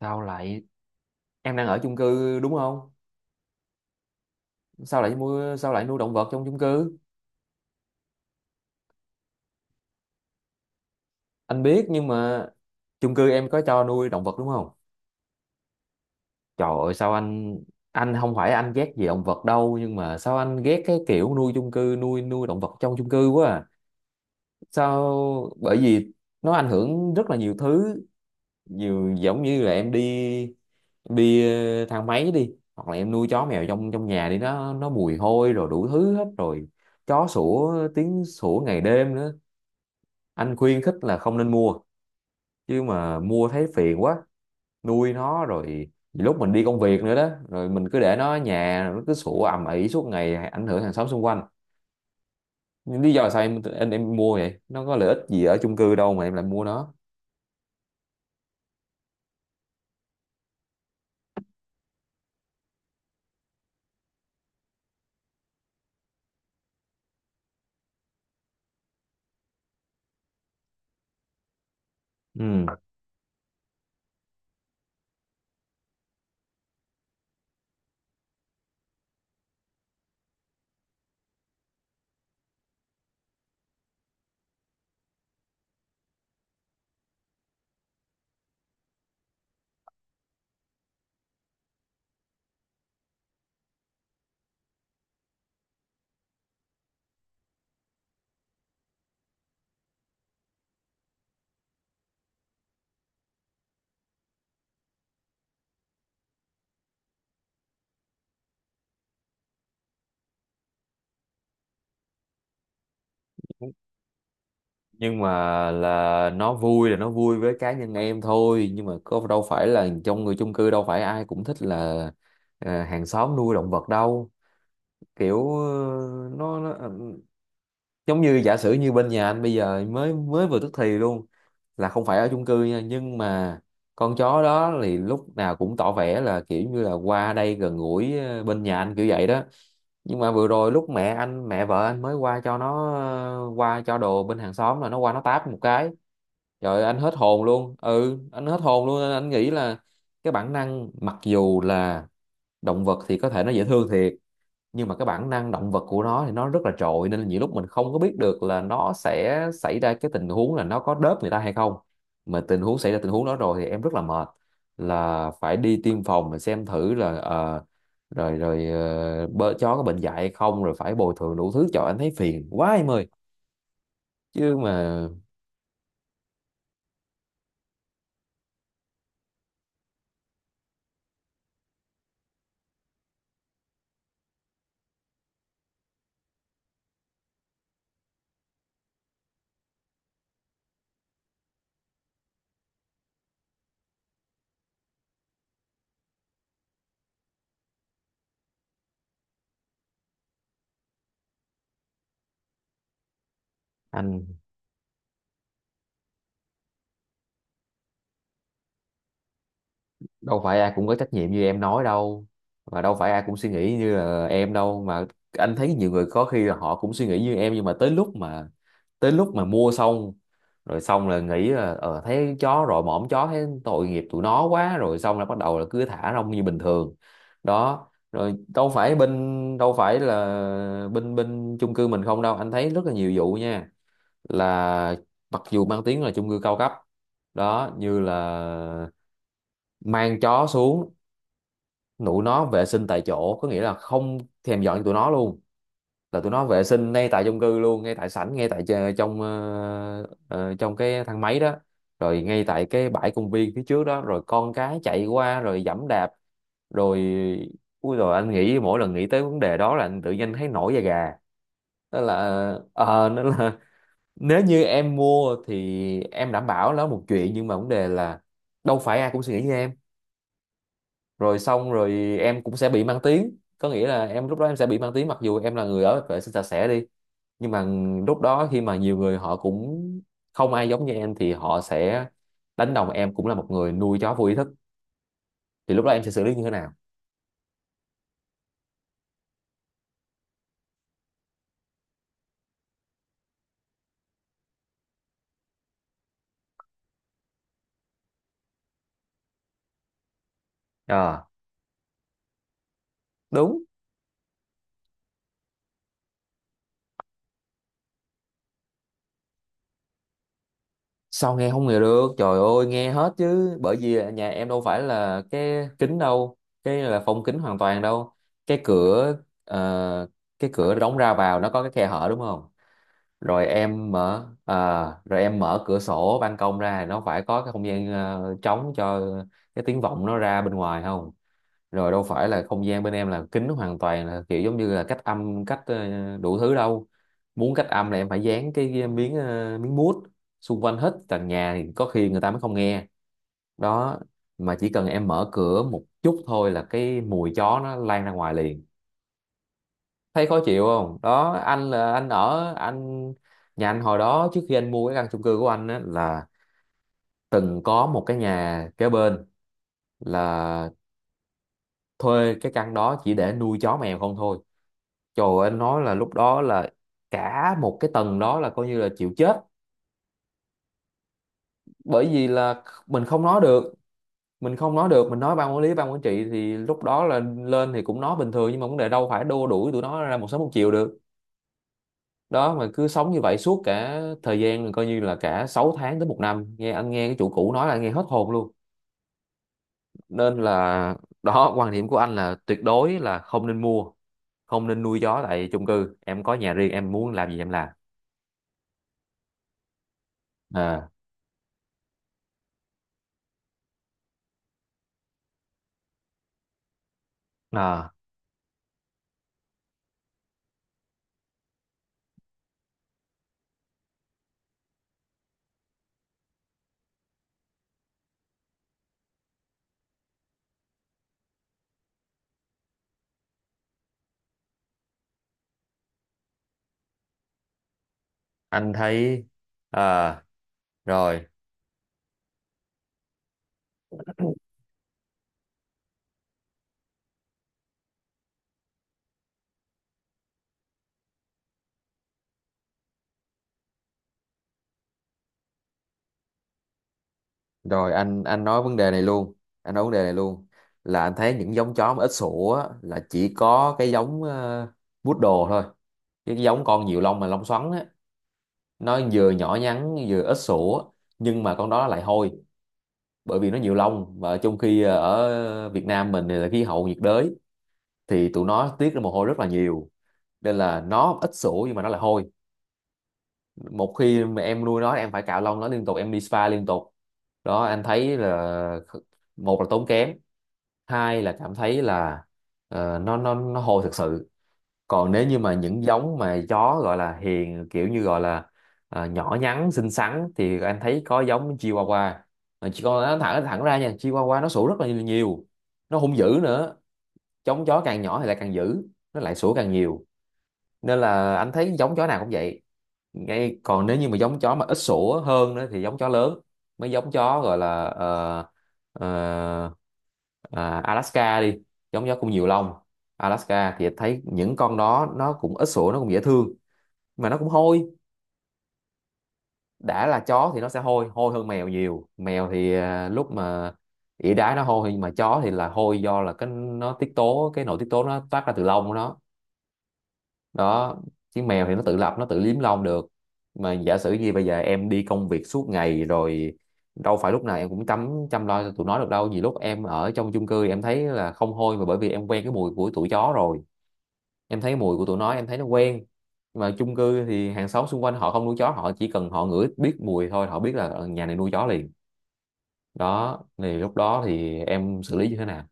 Sao lại Em đang ở chung cư đúng không? Sao lại nuôi động vật trong chung cư? Anh biết nhưng mà chung cư em có cho nuôi động vật đúng không? Trời ơi, sao anh không phải anh ghét gì động vật đâu, nhưng mà sao anh ghét cái kiểu nuôi động vật trong chung cư quá à. Bởi vì nó ảnh hưởng rất là nhiều thứ. Nhiều giống như là em đi thang máy đi, hoặc là em nuôi chó mèo trong trong nhà đi, nó mùi hôi rồi đủ thứ hết rồi. Chó sủa, tiếng sủa ngày đêm nữa. Anh khuyên khích là không nên mua, chứ mà mua thấy phiền quá. Nuôi nó rồi lúc mình đi công việc nữa đó, rồi mình cứ để nó ở nhà rồi nó cứ sủa ầm ĩ suốt ngày, ảnh hưởng hàng xóm xung quanh. Nhưng lý do là sao em, em mua vậy nó có lợi ích gì ở chung cư đâu mà em lại mua nó? Ừ. Nhưng mà là nó vui với cá nhân em thôi, nhưng mà có đâu phải là trong người chung cư đâu phải ai cũng thích là hàng xóm nuôi động vật đâu. Kiểu giống như giả sử như bên nhà anh bây giờ mới mới vừa tức thì luôn, là không phải ở chung cư nha. Nhưng mà con chó đó thì lúc nào cũng tỏ vẻ là kiểu như là qua đây gần gũi bên nhà anh kiểu vậy đó. Nhưng mà vừa rồi lúc mẹ vợ anh mới qua cho nó qua cho đồ bên hàng xóm, là nó qua nó táp một cái. Trời ơi, anh hết hồn luôn. Ừ, anh hết hồn luôn, nên anh nghĩ là cái bản năng, mặc dù là động vật thì có thể nó dễ thương thiệt, nhưng mà cái bản năng động vật của nó thì nó rất là trội, nên là nhiều lúc mình không có biết được là nó sẽ xảy ra cái tình huống là nó có đớp người ta hay không. Mà tình huống xảy ra tình huống đó rồi thì em rất là mệt, là phải đi tiêm phòng để xem thử là rồi rồi ờ, chó có bệnh dại hay không, rồi phải bồi thường đủ thứ trời, anh thấy phiền quá em ơi. Chứ mà anh, đâu phải ai cũng có trách nhiệm như em nói đâu, mà đâu phải ai cũng suy nghĩ như là em đâu mà. Anh thấy nhiều người có khi là họ cũng suy nghĩ như em, nhưng mà tới lúc mà mua xong, rồi xong là nghĩ là thấy chó rồi mõm chó thấy tội nghiệp tụi nó quá, rồi xong là bắt đầu là cứ thả rong như bình thường đó. Rồi đâu phải là bên bên chung cư mình không đâu, anh thấy rất là nhiều vụ nha. Là mặc dù mang tiếng là chung cư cao cấp đó, như là mang chó xuống tụi nó vệ sinh tại chỗ, có nghĩa là không thèm dọn cho tụi nó luôn, là tụi nó vệ sinh ngay tại chung cư luôn, ngay tại sảnh, ngay tại trong trong cái thang máy đó, rồi ngay tại cái bãi công viên phía trước đó, rồi con cái chạy qua rồi giẫm đạp rồi. Ui, rồi anh nghĩ mỗi lần nghĩ tới vấn đề đó là anh tự nhiên thấy nổi da gà. Nên là nên là, nếu như em mua thì em đảm bảo nó một chuyện, nhưng mà vấn đề là đâu phải ai cũng suy nghĩ như em. Rồi xong rồi em cũng sẽ bị mang tiếng, có nghĩa là em lúc đó em sẽ bị mang tiếng mặc dù em là người ở vệ sinh sạch sẽ đi, nhưng mà lúc đó khi mà nhiều người họ cũng không ai giống như em thì họ sẽ đánh đồng em cũng là một người nuôi chó vô ý thức. Thì lúc đó em sẽ xử lý như thế nào? À, đúng. Sao nghe không nghe được, trời ơi, nghe hết chứ, bởi vì nhà em đâu phải là cái kính đâu, cái là phong kính hoàn toàn đâu. Cái cửa ờ, cái cửa đóng ra vào nó có cái khe hở đúng không? Rồi em mở à, rồi em mở cửa sổ ban công ra, nó phải có cái không gian trống cho cái tiếng vọng nó ra bên ngoài không? Rồi đâu phải là không gian bên em là kín hoàn toàn, là kiểu giống như là cách âm, đủ thứ đâu. Muốn cách âm là em phải dán cái miếng, miếng mút xung quanh hết tầng nhà thì có khi người ta mới không nghe đó. Mà chỉ cần em mở cửa một chút thôi là cái mùi chó nó lan ra ngoài liền. Thấy khó chịu không đó, anh là anh ở anh nhà anh, hồi đó trước khi anh mua cái căn chung cư của anh á, là từng có một cái nhà kế bên, là thuê cái căn đó chỉ để nuôi chó mèo không thôi. Trời ơi, anh nói là lúc đó là cả một cái tầng đó là coi như là chịu chết, bởi vì là mình không nói được, mình không nói được, mình nói ban quản lý, ban quản trị thì lúc đó là lên thì cũng nói bình thường, nhưng mà vấn đề đâu phải đua đuổi tụi nó ra một sớm một chiều được đó. Mà cứ sống như vậy suốt cả thời gian là coi như là cả 6 tháng đến một năm, nghe anh nghe cái chủ cũ nói là anh nghe hết hồn luôn. Nên là đó, quan điểm của anh là tuyệt đối là không nên mua, không nên nuôi chó tại chung cư. Em có nhà riêng em muốn làm gì em làm. À. À, anh thấy. À, rồi. Rồi, anh nói vấn đề này luôn, anh nói vấn đề này luôn, là anh thấy những giống chó mà ít sủa á, là chỉ có cái giống poodle thôi, cái giống con nhiều lông mà lông xoắn á. Nó vừa nhỏ nhắn vừa ít sữa, nhưng mà con đó lại hôi, bởi vì nó nhiều lông. Và trong khi ở Việt Nam mình thì là khí hậu nhiệt đới, thì tụi nó tiết ra mồ hôi rất là nhiều, nên là nó ít sữa nhưng mà nó lại hôi. Một khi mà em nuôi nó em phải cạo lông nó liên tục, em đi spa liên tục đó. Anh thấy là, kh- một là tốn kém, hai là cảm thấy là nó hôi thực sự. Còn nếu như mà những giống mà chó gọi là hiền, kiểu như gọi là à, nhỏ nhắn xinh xắn, thì anh thấy có giống Chihuahua. Mà chỉ con nó thẳng thẳng ra nha, Chihuahua nó sủa rất là nhiều, nó hung dữ nữa. Giống chó càng nhỏ thì lại càng dữ, nó lại sủa càng nhiều. Nên là anh thấy giống chó nào cũng vậy. Ngay, còn nếu như mà giống chó mà ít sủa hơn nữa thì giống chó lớn, mấy giống chó gọi là ờ, Alaska đi, giống chó cũng nhiều lông. Alaska thì thấy những con đó nó cũng ít sủa, nó cũng dễ thương, mà nó cũng hôi. Đã là chó thì nó sẽ hôi, hôi hơn mèo nhiều. Mèo thì lúc mà ỉa đái nó hôi, nhưng mà chó thì là hôi do là cái nó tiết tố, cái nội tiết tố nó toát ra từ lông của nó đó. Chứ mèo thì nó tự lập, nó tự liếm lông được. Mà giả sử như bây giờ em đi công việc suốt ngày rồi, đâu phải lúc nào em cũng chăm chăm lo cho tụi nó được đâu, nhiều lúc em ở trong chung cư em thấy là không hôi, mà bởi vì em quen cái mùi của tụi chó rồi. Em thấy mùi của tụi nó em thấy nó quen. Mà chung cư thì hàng xóm xung quanh họ không nuôi chó, họ chỉ cần họ ngửi biết mùi thôi họ biết là nhà này nuôi chó liền đó. Thì lúc đó thì em xử lý như thế nào?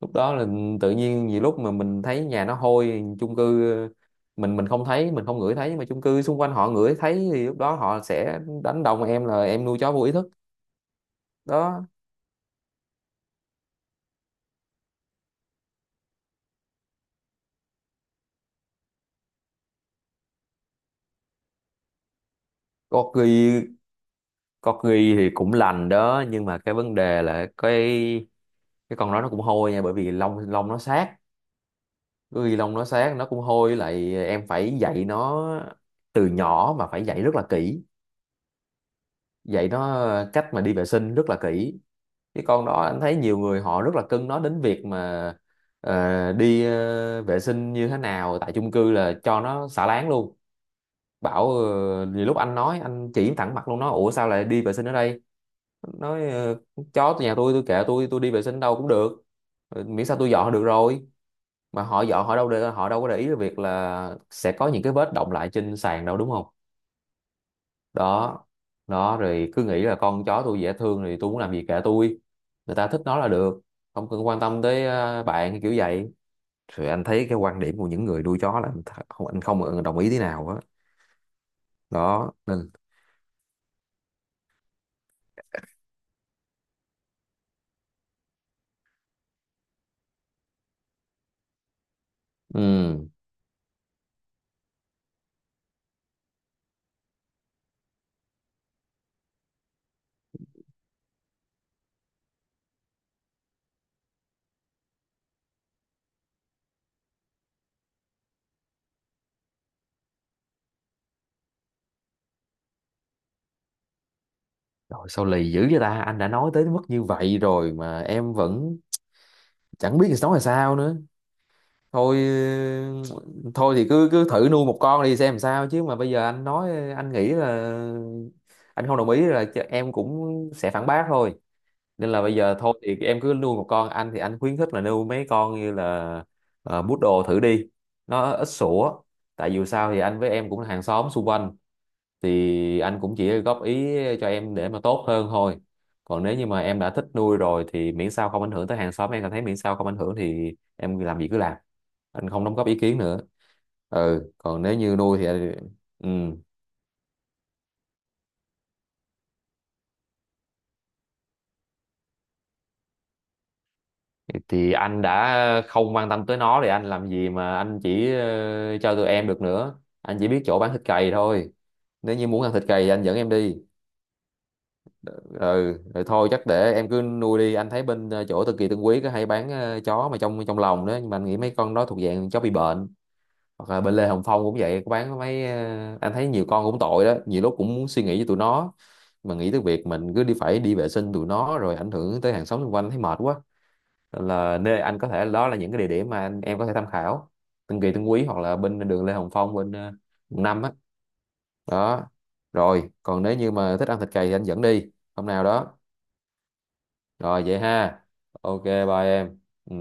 Lúc đó là tự nhiên, vì lúc mà mình thấy nhà nó hôi chung cư, mình không thấy, mình không ngửi thấy, mà chung cư xung quanh họ ngửi thấy, thì lúc đó họ sẽ đánh đồng em là em nuôi chó vô ý thức đó. Corgi. Corgi thì cũng lành đó, nhưng mà cái vấn đề là cái con đó nó Cũng hôi nha, bởi vì lông lông nó sát. Corgi lông nó sát nó cũng hôi, lại em phải dạy nó từ nhỏ, mà phải dạy rất là kỹ, dạy nó cách mà đi vệ sinh rất là kỹ. Cái con đó anh thấy nhiều người họ rất là cưng nó, đến việc mà đi vệ sinh như thế nào, tại chung cư là cho nó xả láng luôn. Bảo nhiều lúc anh nói, anh chỉ thẳng mặt luôn, nói ủa sao lại đi vệ sinh ở đây. Nói chó từ nhà tôi kệ, tôi đi vệ sinh đâu cũng được. Miễn sao tôi dọn là được rồi. Mà họ dọn, họ đâu có để ý cái việc là sẽ có những cái vết động lại trên sàn đâu, đúng không? Đó. Đó rồi cứ nghĩ là con chó tôi dễ thương thì tôi muốn làm gì kệ tôi, người ta thích nó là được, không cần quan tâm tới bạn, kiểu vậy. Rồi anh thấy cái quan điểm của những người nuôi chó là không, anh không đồng ý thế nào á. Đó nên ừ, rồi sao lì dữ vậy ta, anh đã nói tới mức như vậy rồi mà em vẫn chẳng biết nói là sao nữa. Thôi ừ, thôi thì cứ cứ thử nuôi một con đi xem làm sao, chứ mà bây giờ anh nói, anh nghĩ là anh không đồng ý là em cũng sẽ phản bác thôi. Nên là bây giờ thôi thì em cứ nuôi một con, anh thì anh khuyến khích là nuôi mấy con như là bút đồ thử đi, nó ít sủa. Tại dù sao thì anh với em cũng là hàng xóm xung quanh, thì anh cũng chỉ góp ý cho em để mà tốt hơn thôi. Còn nếu như mà em đã thích nuôi rồi thì miễn sao không ảnh hưởng tới hàng xóm, em cảm thấy miễn sao không ảnh hưởng thì em làm gì cứ làm, anh không đóng góp ý kiến nữa. Ừ, còn nếu như nuôi thì ừ, thì anh đã không quan tâm tới nó thì anh làm gì mà anh chỉ cho tụi em được nữa, anh chỉ biết chỗ bán thịt cầy thôi. Nếu như muốn ăn thịt cầy thì anh dẫn em đi. Ừ, rồi thôi chắc để em cứ nuôi đi. Anh thấy bên chỗ Tân Kỳ Tân Quý có hay bán chó mà trong trong lồng đó, nhưng mà anh nghĩ mấy con đó thuộc dạng chó bị bệnh. Hoặc là bên Lê Hồng Phong cũng vậy, có bán mấy, anh thấy nhiều con cũng tội đó, nhiều lúc cũng muốn suy nghĩ cho tụi nó, mà nghĩ tới việc mình cứ đi phải đi vệ sinh tụi nó rồi ảnh hưởng tới hàng xóm xung quanh thấy mệt quá. Là nơi anh có thể, đó là những cái địa điểm mà em có thể tham khảo: Tân Kỳ Tân Quý, hoặc là bên đường Lê Hồng Phong, bên quận năm á. Đó. Rồi còn nếu như mà thích ăn thịt cầy thì anh dẫn đi hôm nào đó. Rồi vậy ha, ok, bye em. Ừ.